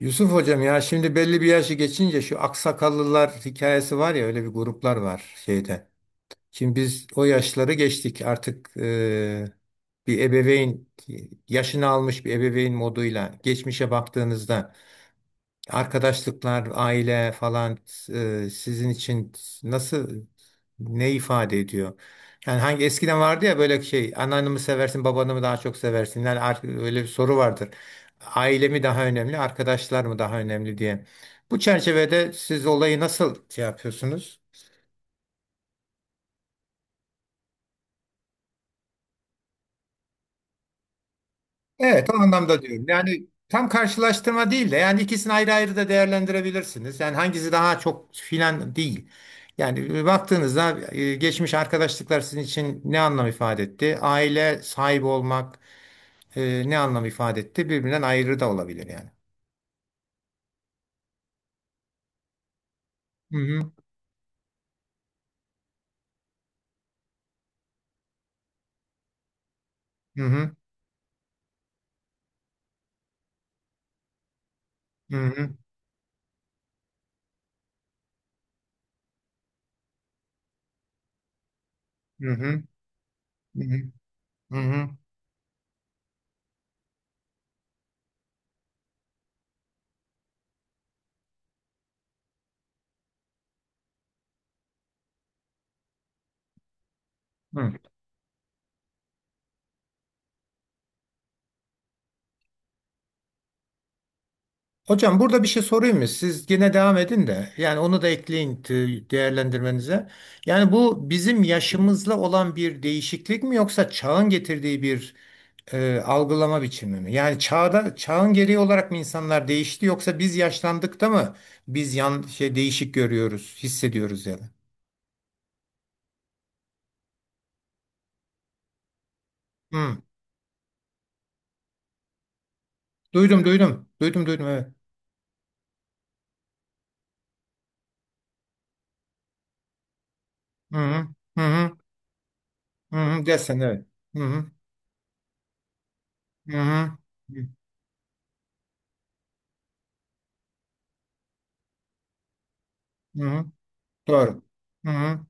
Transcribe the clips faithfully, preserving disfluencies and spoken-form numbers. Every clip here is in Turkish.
Yusuf hocam, ya şimdi belli bir yaşı geçince şu aksakallılar hikayesi var ya, öyle bir gruplar var şeyde. Şimdi biz o yaşları geçtik artık. E, bir ebeveyn yaşını almış bir ebeveyn moduyla geçmişe baktığınızda arkadaşlıklar, aile falan, e, sizin için nasıl, ne ifade ediyor? Yani hangi eskiden vardı ya böyle şey, anneannemi mi seversin, babanı mı daha çok seversin? Yani ar- öyle bir soru vardır. Aile mi daha önemli, arkadaşlar mı daha önemli diye. Bu çerçevede siz olayı nasıl şey yapıyorsunuz? Evet, o anlamda diyorum. Yani tam karşılaştırma değil de yani ikisini ayrı ayrı da değerlendirebilirsiniz. Yani hangisi daha çok filan değil. Yani e, baktığınızda e, geçmiş arkadaşlıklar sizin için ne anlam ifade etti? Aile sahibi olmak e, ne anlam ifade etti? Birbirinden ayrı da olabilir yani. Hı hı. Hı hı. Hı hı. Hı hı. Hı hı. Hocam, burada bir şey sorayım mı? Siz yine devam edin de yani onu da ekleyin, t- değerlendirmenize. Yani bu bizim yaşımızla olan bir değişiklik mi, yoksa çağın getirdiği bir e, algılama biçimi mi? Yani çağda çağın gereği olarak mı insanlar değişti, yoksa biz yaşlandık da mı biz yan şey değişik görüyoruz, hissediyoruz yani? Hı. Duydum, duydum. Duydum, duydum, evet. Hı hı. Hı hı. Hı hı. Desen, evet. Hı hı. Hı hı. Hı hı. Doğru. Hı hı.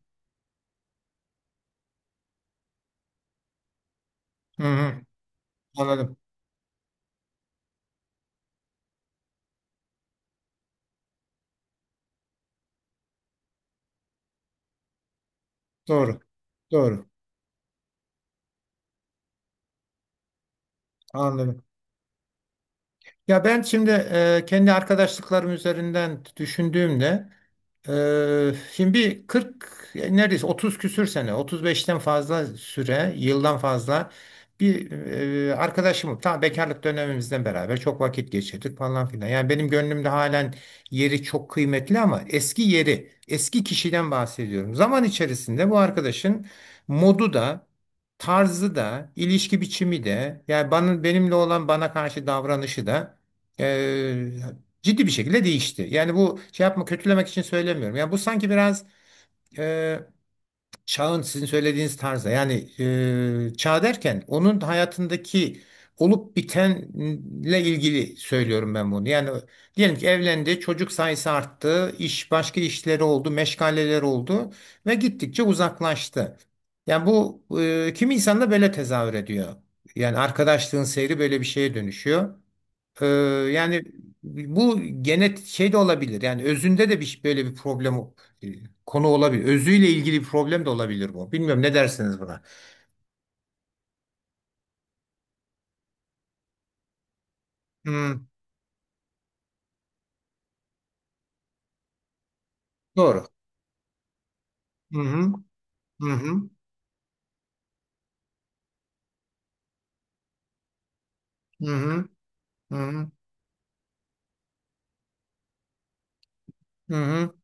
Hı hı. Anladım. Doğru. Doğru. Anladım. Ya ben şimdi, e, kendi arkadaşlıklarım üzerinden düşündüğümde, Ee, şimdi bir kırk, yani neredeyse otuz küsür sene, otuz beşten fazla süre, yıldan fazla bir e, arkadaşım, tam bekarlık dönemimizden beraber çok vakit geçirdik falan filan. Yani benim gönlümde halen yeri çok kıymetli, ama eski yeri eski kişiden bahsediyorum. Zaman içerisinde bu arkadaşın modu da, tarzı da, ilişki biçimi de yani bana, benimle olan, bana karşı davranışı da e, ciddi bir şekilde değişti. Yani bu şey yapma, kötülemek için söylemiyorum. Yani bu sanki biraz e, çağın, sizin söylediğiniz tarzda. Yani e, çağ derken onun hayatındaki olup bitenle ilgili söylüyorum ben bunu. Yani diyelim ki evlendi, çocuk sayısı arttı, iş başka işleri oldu, meşgaleleri oldu ve gittikçe uzaklaştı. Yani bu e, kimi insan da böyle tezahür ediyor. Yani arkadaşlığın seyri böyle bir şeye dönüşüyor. Ee, yani bu genet şey de olabilir. Yani özünde de bir böyle bir problem o- e, konu olabilir. Özüyle ilgili bir problem de olabilir bu. Bilmiyorum, ne dersiniz buna? Hmm, doğru. Hı hı. Hı hı. Hı hı. Hı hı. Hı hı.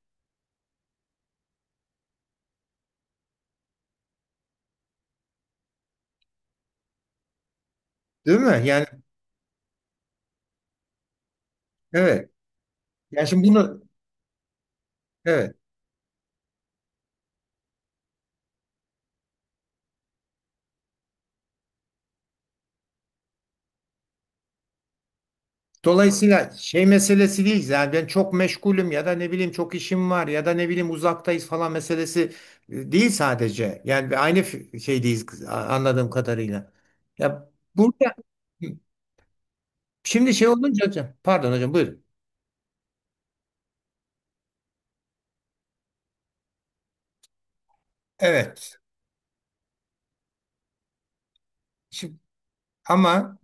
Değil mi? Yani, evet. Yani şimdi bunu, evet. Dolayısıyla şey meselesi değil, yani ben çok meşgulüm ya da ne bileyim çok işim var ya da ne bileyim uzaktayız falan meselesi e, değil sadece. Yani bir aynı f- şeydeyiz, kız- a- anladığım kadarıyla. Ya burada şimdi şey olunca hocam, pardon hocam, buyurun. Evet. Şimdi, ama.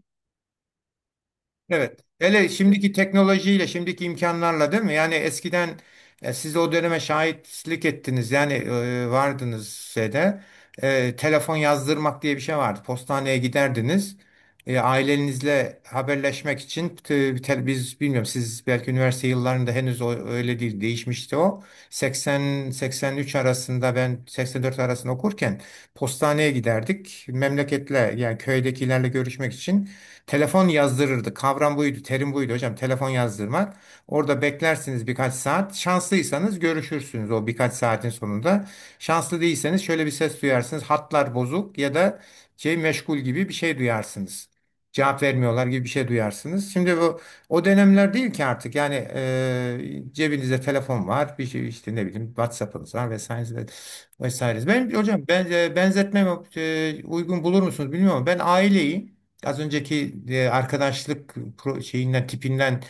Evet. Hele şimdiki teknolojiyle, şimdiki imkanlarla, değil mi? Yani eskiden e, siz o döneme şahitlik ettiniz. Yani e, vardınız şeyde. E, telefon yazdırmak diye bir şey vardı. Postaneye giderdiniz. E, ailenizle haberleşmek için te- te- biz bilmiyorum, siz belki üniversite yıllarında henüz o, öyle değil, değişmişti o. seksen seksen üç arasında, ben seksen dört arasında okurken postaneye giderdik. Memleketle, yani köydekilerle görüşmek için. Telefon yazdırırdı. Kavram buydu, terim buydu hocam. Telefon yazdırmak. Orada beklersiniz birkaç saat. Şanslıysanız görüşürsünüz o birkaç saatin sonunda. Şanslı değilseniz şöyle bir ses duyarsınız. Hatlar bozuk ya da şey meşgul gibi bir şey duyarsınız. Cevap vermiyorlar gibi bir şey duyarsınız. Şimdi bu o dönemler değil ki artık. Yani e, cebinizde telefon var, bir şey işte, ne bileyim, WhatsApp'ınız var vesaire vesaire. Ben hocam ben e, benzetmeme e, uygun bulur musunuz bilmiyorum, ama ben aileyi, az önceki e, arkadaşlık pro- şeyinden, tipinden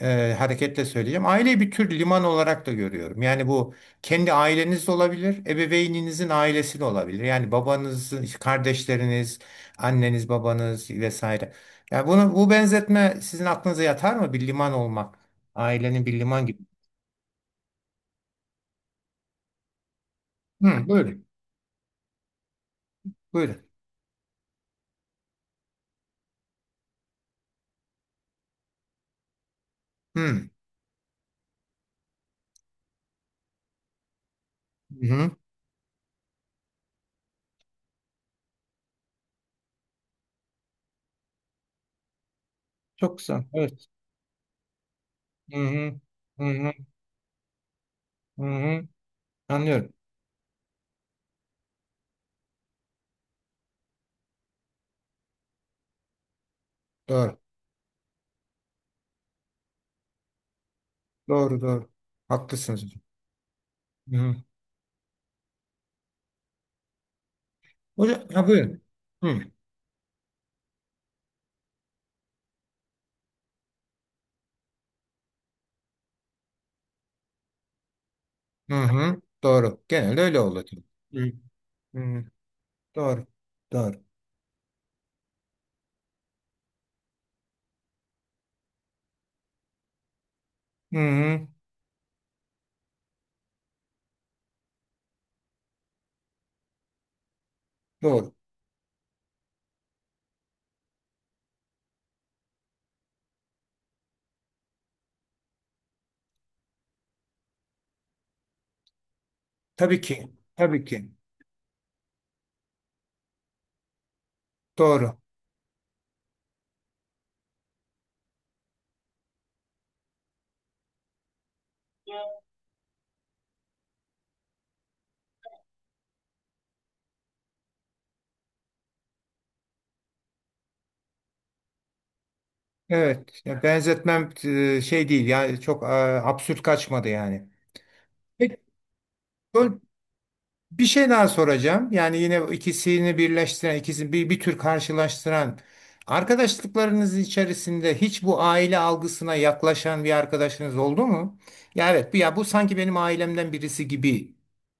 e, hareketle söyleyeceğim. Aileyi bir tür liman olarak da görüyorum. Yani bu kendi aileniz de olabilir, ebeveyninizin ailesi de olabilir. Yani babanız, kardeşleriniz, anneniz, babanız vesaire. Yani bunu bu benzetme sizin aklınıza yatar mı? Bir liman olmak, ailenin bir liman gibi. Hı, buyurun, buyurun. Hı, hı, hı. Çok güzel. Evet. Hı, hı, hı, hı, hı. Hı. Anlıyorum. Doğru, doğru, doğru. Haklısınız. Hı hı. Hocam, ha, buyurun. Hı hı. Hı. Doğru. Genelde öyle oluyor. Hı hı. Doğru. Doğru. Hı hı. Doğru. Tabii ki. Tabii ki. Doğru. Evet. Ya benzetmem e, şey değil. Yani çok e, absürt kaçmadı yani. Peki, bir şey daha soracağım. Yani yine ikisini birleştiren, ikisini bir, bir tür karşılaştıran arkadaşlıklarınız içerisinde hiç bu aile algısına yaklaşan bir arkadaşınız oldu mu? Ya evet, bu- ya bu sanki benim ailemden birisi gibi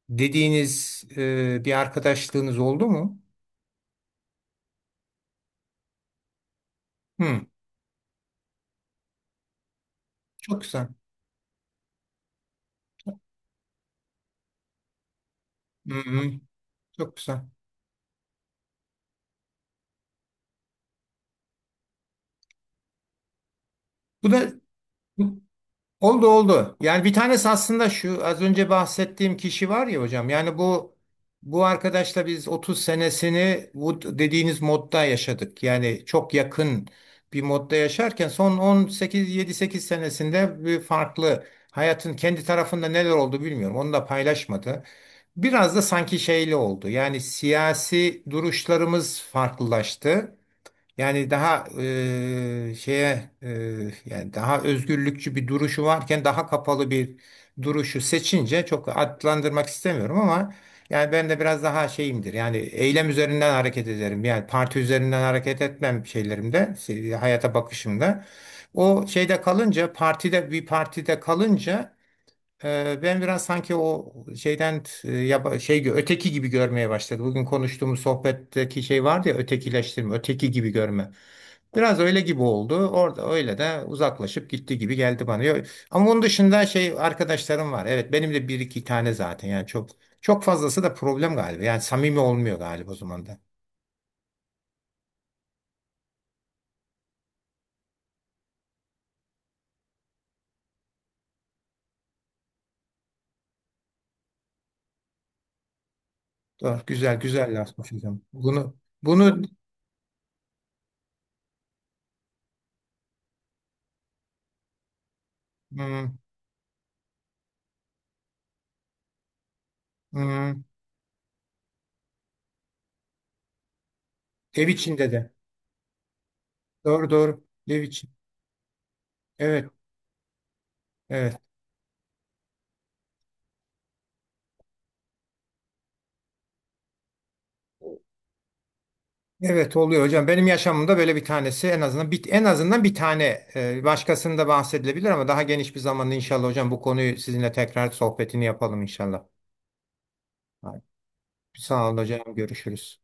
dediğiniz e, bir arkadaşlığınız oldu mu? Hı, çok güzel. Hı hı, çok güzel. Bu da. Oldu, oldu. Yani bir tanesi aslında şu az önce bahsettiğim kişi var ya hocam. Yani bu bu arkadaşla biz otuz senesini bu dediğiniz modda yaşadık. Yani çok yakın bir modda yaşarken son on sekiz yedi sekiz senesinde bir farklı hayatın kendi tarafında neler oldu bilmiyorum. Onu da paylaşmadı. Biraz da sanki şeyli oldu. Yani siyasi duruşlarımız farklılaştı. Yani daha e, şeye, e, yani daha özgürlükçü bir duruşu varken daha kapalı bir duruşu seçince çok adlandırmak istemiyorum, ama yani ben de biraz daha şeyimdir. Yani eylem üzerinden hareket ederim. Yani parti üzerinden hareket etmem şeylerimde, se- hayata bakışımda. O şeyde kalınca partide bir partide kalınca, ee, ben biraz sanki o şeyden e, yaba- şey gö- öteki gibi görmeye başladı. Bugün konuştuğumuz sohbetteki şey vardı ya, ötekileştirme, öteki gibi görme. Biraz öyle gibi oldu. Orada öyle de uzaklaşıp gitti gibi geldi bana. Yo- Ama onun dışında şey arkadaşlarım var. Evet, benim de bir iki tane zaten. Yani çok çok fazlası da problem galiba. Yani samimi olmuyor galiba o zaman da. Doğru, güzel güzel laf hocam. Bunu bunu Hmm, hmm, ev içinde de. Doğru, doğru. Ev için. Evet. Evet. Evet, oluyor hocam. Benim yaşamımda böyle bir tanesi en azından bir, en azından bir tane, e, başkasında bahsedilebilir, ama daha geniş bir zamanda inşallah hocam bu konuyu sizinle tekrar sohbetini yapalım inşallah. Sağ olun hocam. Görüşürüz.